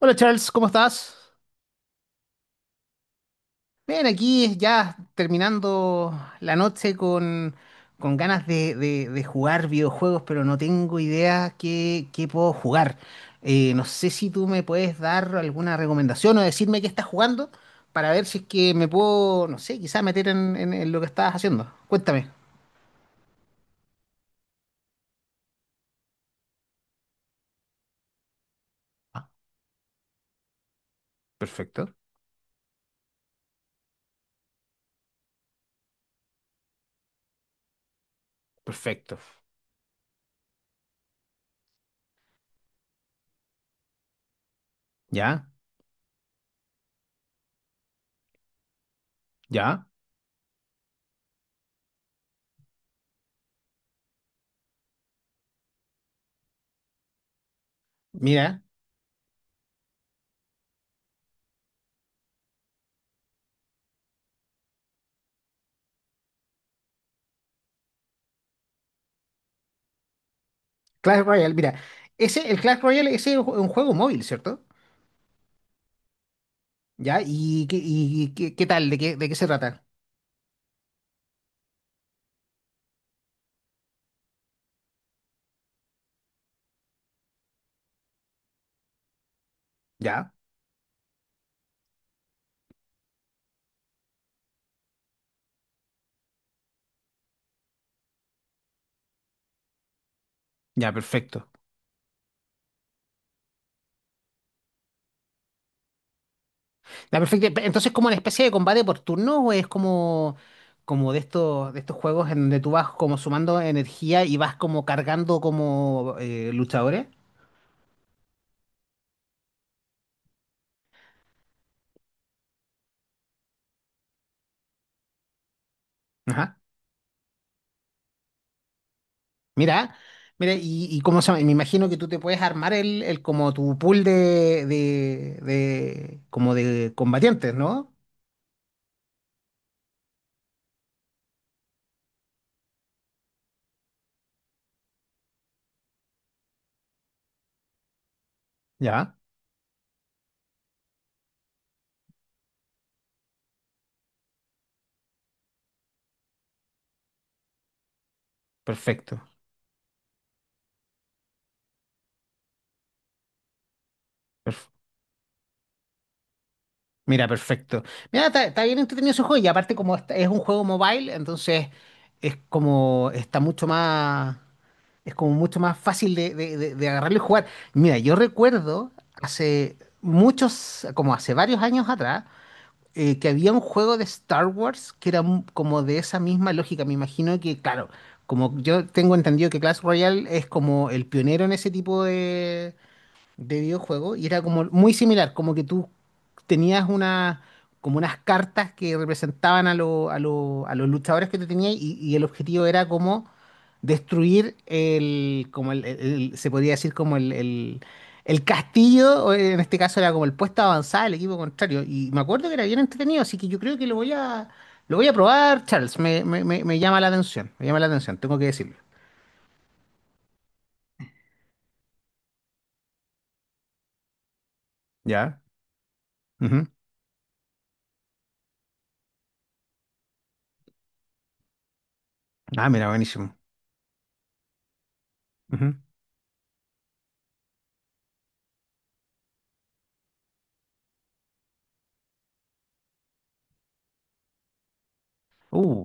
Hola Charles, ¿cómo estás? Bien, aquí ya terminando la noche con ganas de jugar videojuegos, pero no tengo idea qué puedo jugar. No sé si tú me puedes dar alguna recomendación o decirme qué estás jugando para ver si es que me puedo, no sé, quizás meter en lo que estabas haciendo. Cuéntame. Ah, perfecto, perfecto. Ya, ya. Mira, Clash Royale, mira. El Clash Royale, ese es un juego móvil, ¿cierto? ¿Ya? ¿Y qué tal? ¿De de qué se trata? ¿Ya? Ya, perfecto. Ya, perfecto. Entonces, ¿como una especie de combate por turno o es como, como de de estos juegos en donde tú vas como sumando energía y vas como cargando como luchadores? Ajá. Mira, mira, y cómo se llama, me imagino que tú te puedes armar el como tu pool como de combatientes, ¿no? Ya, perfecto. Mira, perfecto. Mira, está bien entretenido ese juego y aparte como es un juego mobile, entonces es como está mucho más, es como mucho más fácil de agarrarlo y jugar. Mira, yo recuerdo hace muchos, como hace varios años atrás, que había un juego de Star Wars que era como de esa misma lógica. Me imagino que, claro, como yo tengo entendido que Clash Royale es como el pionero en ese tipo de videojuego y era como muy similar, como que tú tenías una, como unas cartas que representaban a, a los luchadores que tú tenías y el objetivo era como destruir el, como el- se podría decir como el castillo, o en este caso era como el puesto avanzado del equipo contrario y me acuerdo que era bien entretenido, así que yo creo que lo voy a probar, Charles, me llama la atención, me llama la atención, tengo que decirlo. ¿Ya? Ujú. Ah, mira, buenísimo. Ujú. Uh,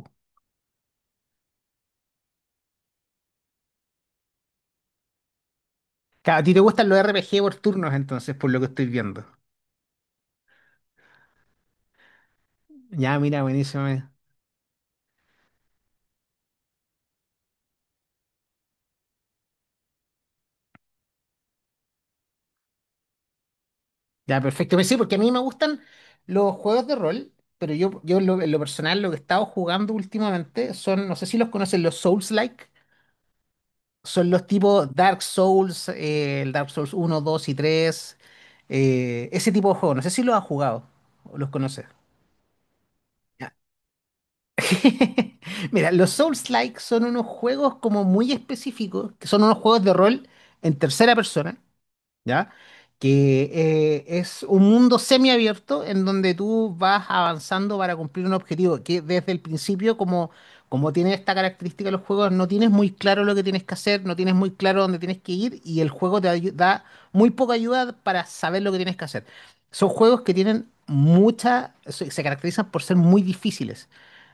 Claro, a ti te gustan los RPG por turnos, entonces, por lo que estoy viendo. Ya, mira, buenísimo. Ya, perfecto. Pues sí, porque a mí me gustan los juegos de rol, pero yo en en lo personal, lo que he estado jugando últimamente son, no sé si los conocen, los Souls-like. Son los tipos Dark Souls, el Dark Souls 1, 2 y 3 ese tipo de juegos. No sé si los has jugado o los conoces. Ya. Mira, los Souls-like son unos juegos como muy específicos, que son unos juegos de rol en tercera persona. ¿Ya? Que es un mundo semiabierto en donde tú vas avanzando para cumplir un objetivo, que desde el principio, como, como tiene esta característica los juegos, no tienes muy claro lo que tienes que hacer, no tienes muy claro dónde tienes que ir y el juego da muy poca ayuda para saber lo que tienes que hacer. Son juegos que tienen mucha, se caracterizan por ser muy difíciles.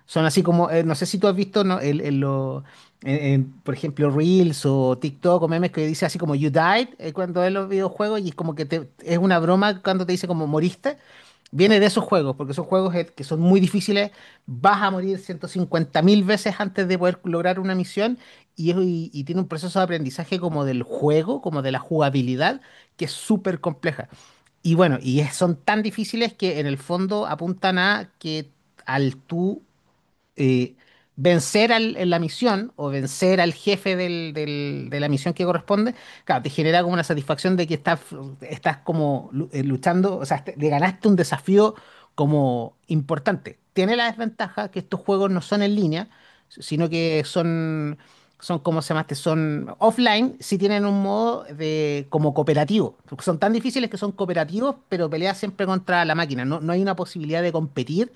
Son así como, no sé si tú has visto, ¿no? En, por ejemplo, Reels o TikTok o memes que dice así como You died cuando es los videojuegos y es como que te, es una broma cuando te dice como moriste. Viene de esos juegos, porque son juegos que son muy difíciles, vas a morir 150.000 veces antes de poder lograr una misión y tiene un proceso de aprendizaje como del juego, como de la jugabilidad, que es súper compleja. Y bueno, son tan difíciles que en el fondo apuntan a que al tú eh, vencer en la misión o vencer al jefe de la misión que corresponde, claro, te genera como una satisfacción de que estás, estás como luchando, o sea, le ganaste un desafío como importante. Tiene la desventaja que estos juegos no son en línea, sino que son, son como se llama este? Son offline, sí tienen un modo de como cooperativo. Son tan difíciles que son cooperativos, pero peleas siempre contra la máquina. No hay una posibilidad de competir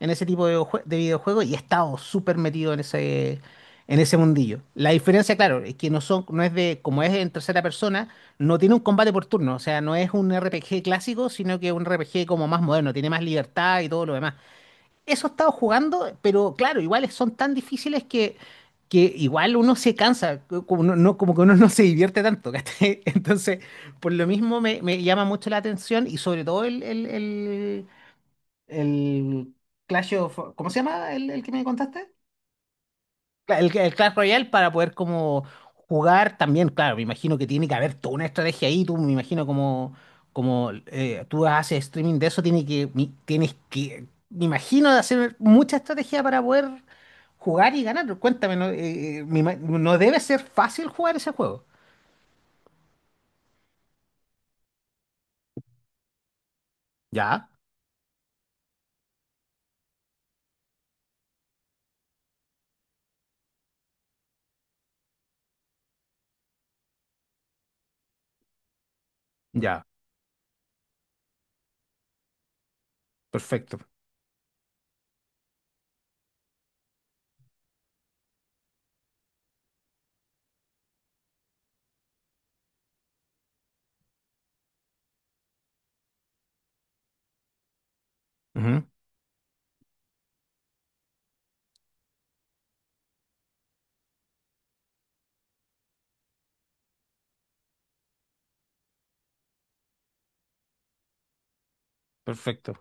en ese tipo de, de videojuegos y he estado súper metido en ese mundillo. La diferencia, claro, es que no son, no es de, como es en tercera persona, no tiene un combate por turno, o sea, no es un RPG clásico, sino que un RPG como más moderno, tiene más libertad y todo lo demás. Eso he estado jugando, pero claro, igual son tan difíciles que igual uno se cansa, como, como que uno no se divierte tanto, ¿cachai? Entonces, por lo mismo me llama mucho la atención y sobre todo el Clash of... ¿Cómo se llama el que me contaste? El Clash Royale para poder como jugar también, claro, me imagino que tiene que haber toda una estrategia ahí, tú me imagino como, como tú haces streaming de eso, tiene que, tienes que, me imagino de hacer mucha estrategia para poder jugar y ganar. Cuéntame, no, me no debe ser fácil jugar ese juego. Ya, ya, perfecto. Ujú, perfecto.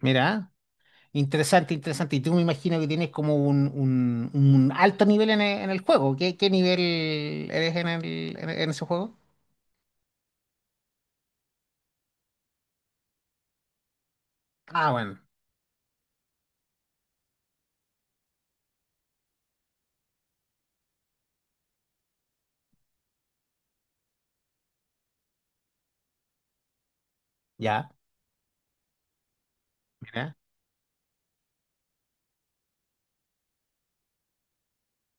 Mira. Interesante, interesante. Y tú me imagino que tienes como un, un alto nivel en en el, juego. ¿Qué, qué nivel eres en ese juego? Ah, bueno, ya, mira.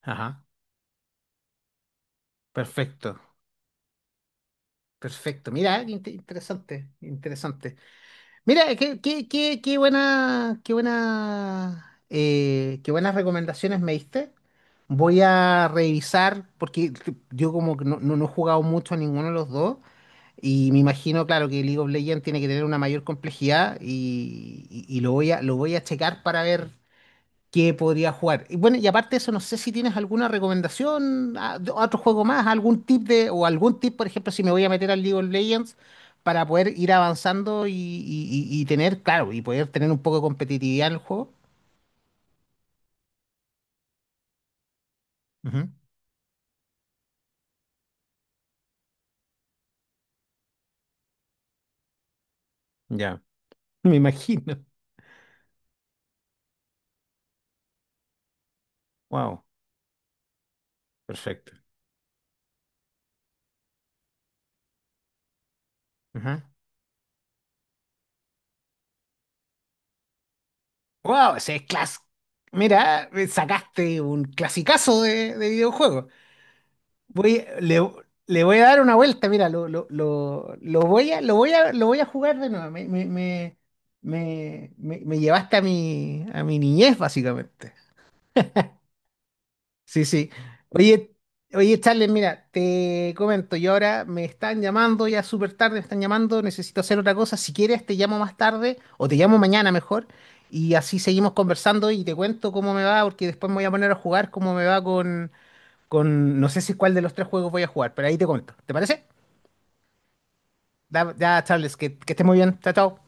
Ajá, perfecto, perfecto. Mira, qué interesante, interesante. Mira, qué buena, qué buena, qué buenas recomendaciones me diste. Voy a revisar, porque yo como que no he jugado mucho a ninguno de los dos. Y me imagino, claro, que League of Legends tiene que tener una mayor complejidad y lo voy a checar para ver qué podría jugar. Y bueno, y aparte de eso, no sé si tienes alguna recomendación, a, de otro juego más, algún tip de, o algún tip, por ejemplo, si me voy a meter al League of Legends para poder ir avanzando y tener, claro, y poder tener un poco de competitividad en el juego. Ujú. Ya, me imagino. Wow, perfecto. Wow, ese es clas. Mira, me sacaste un clasicazo de videojuego. Voy, le, le voy a dar una vuelta, mira, lo voy a, lo voy a jugar de nuevo. Me llevaste a a mi niñez, básicamente. Sí, sí. Oye, oye, Charles, mira, te comento, yo ahora me están llamando ya súper tarde, me están llamando, necesito hacer otra cosa. Si quieres, te llamo más tarde o te llamo mañana mejor y así seguimos conversando y te cuento cómo me va, porque después me voy a poner a jugar cómo me va con, no sé si cuál de los 3 juegos voy a jugar, pero ahí te cuento. ¿Te parece? Ya, Charles, que estés muy bien. Chao, chao.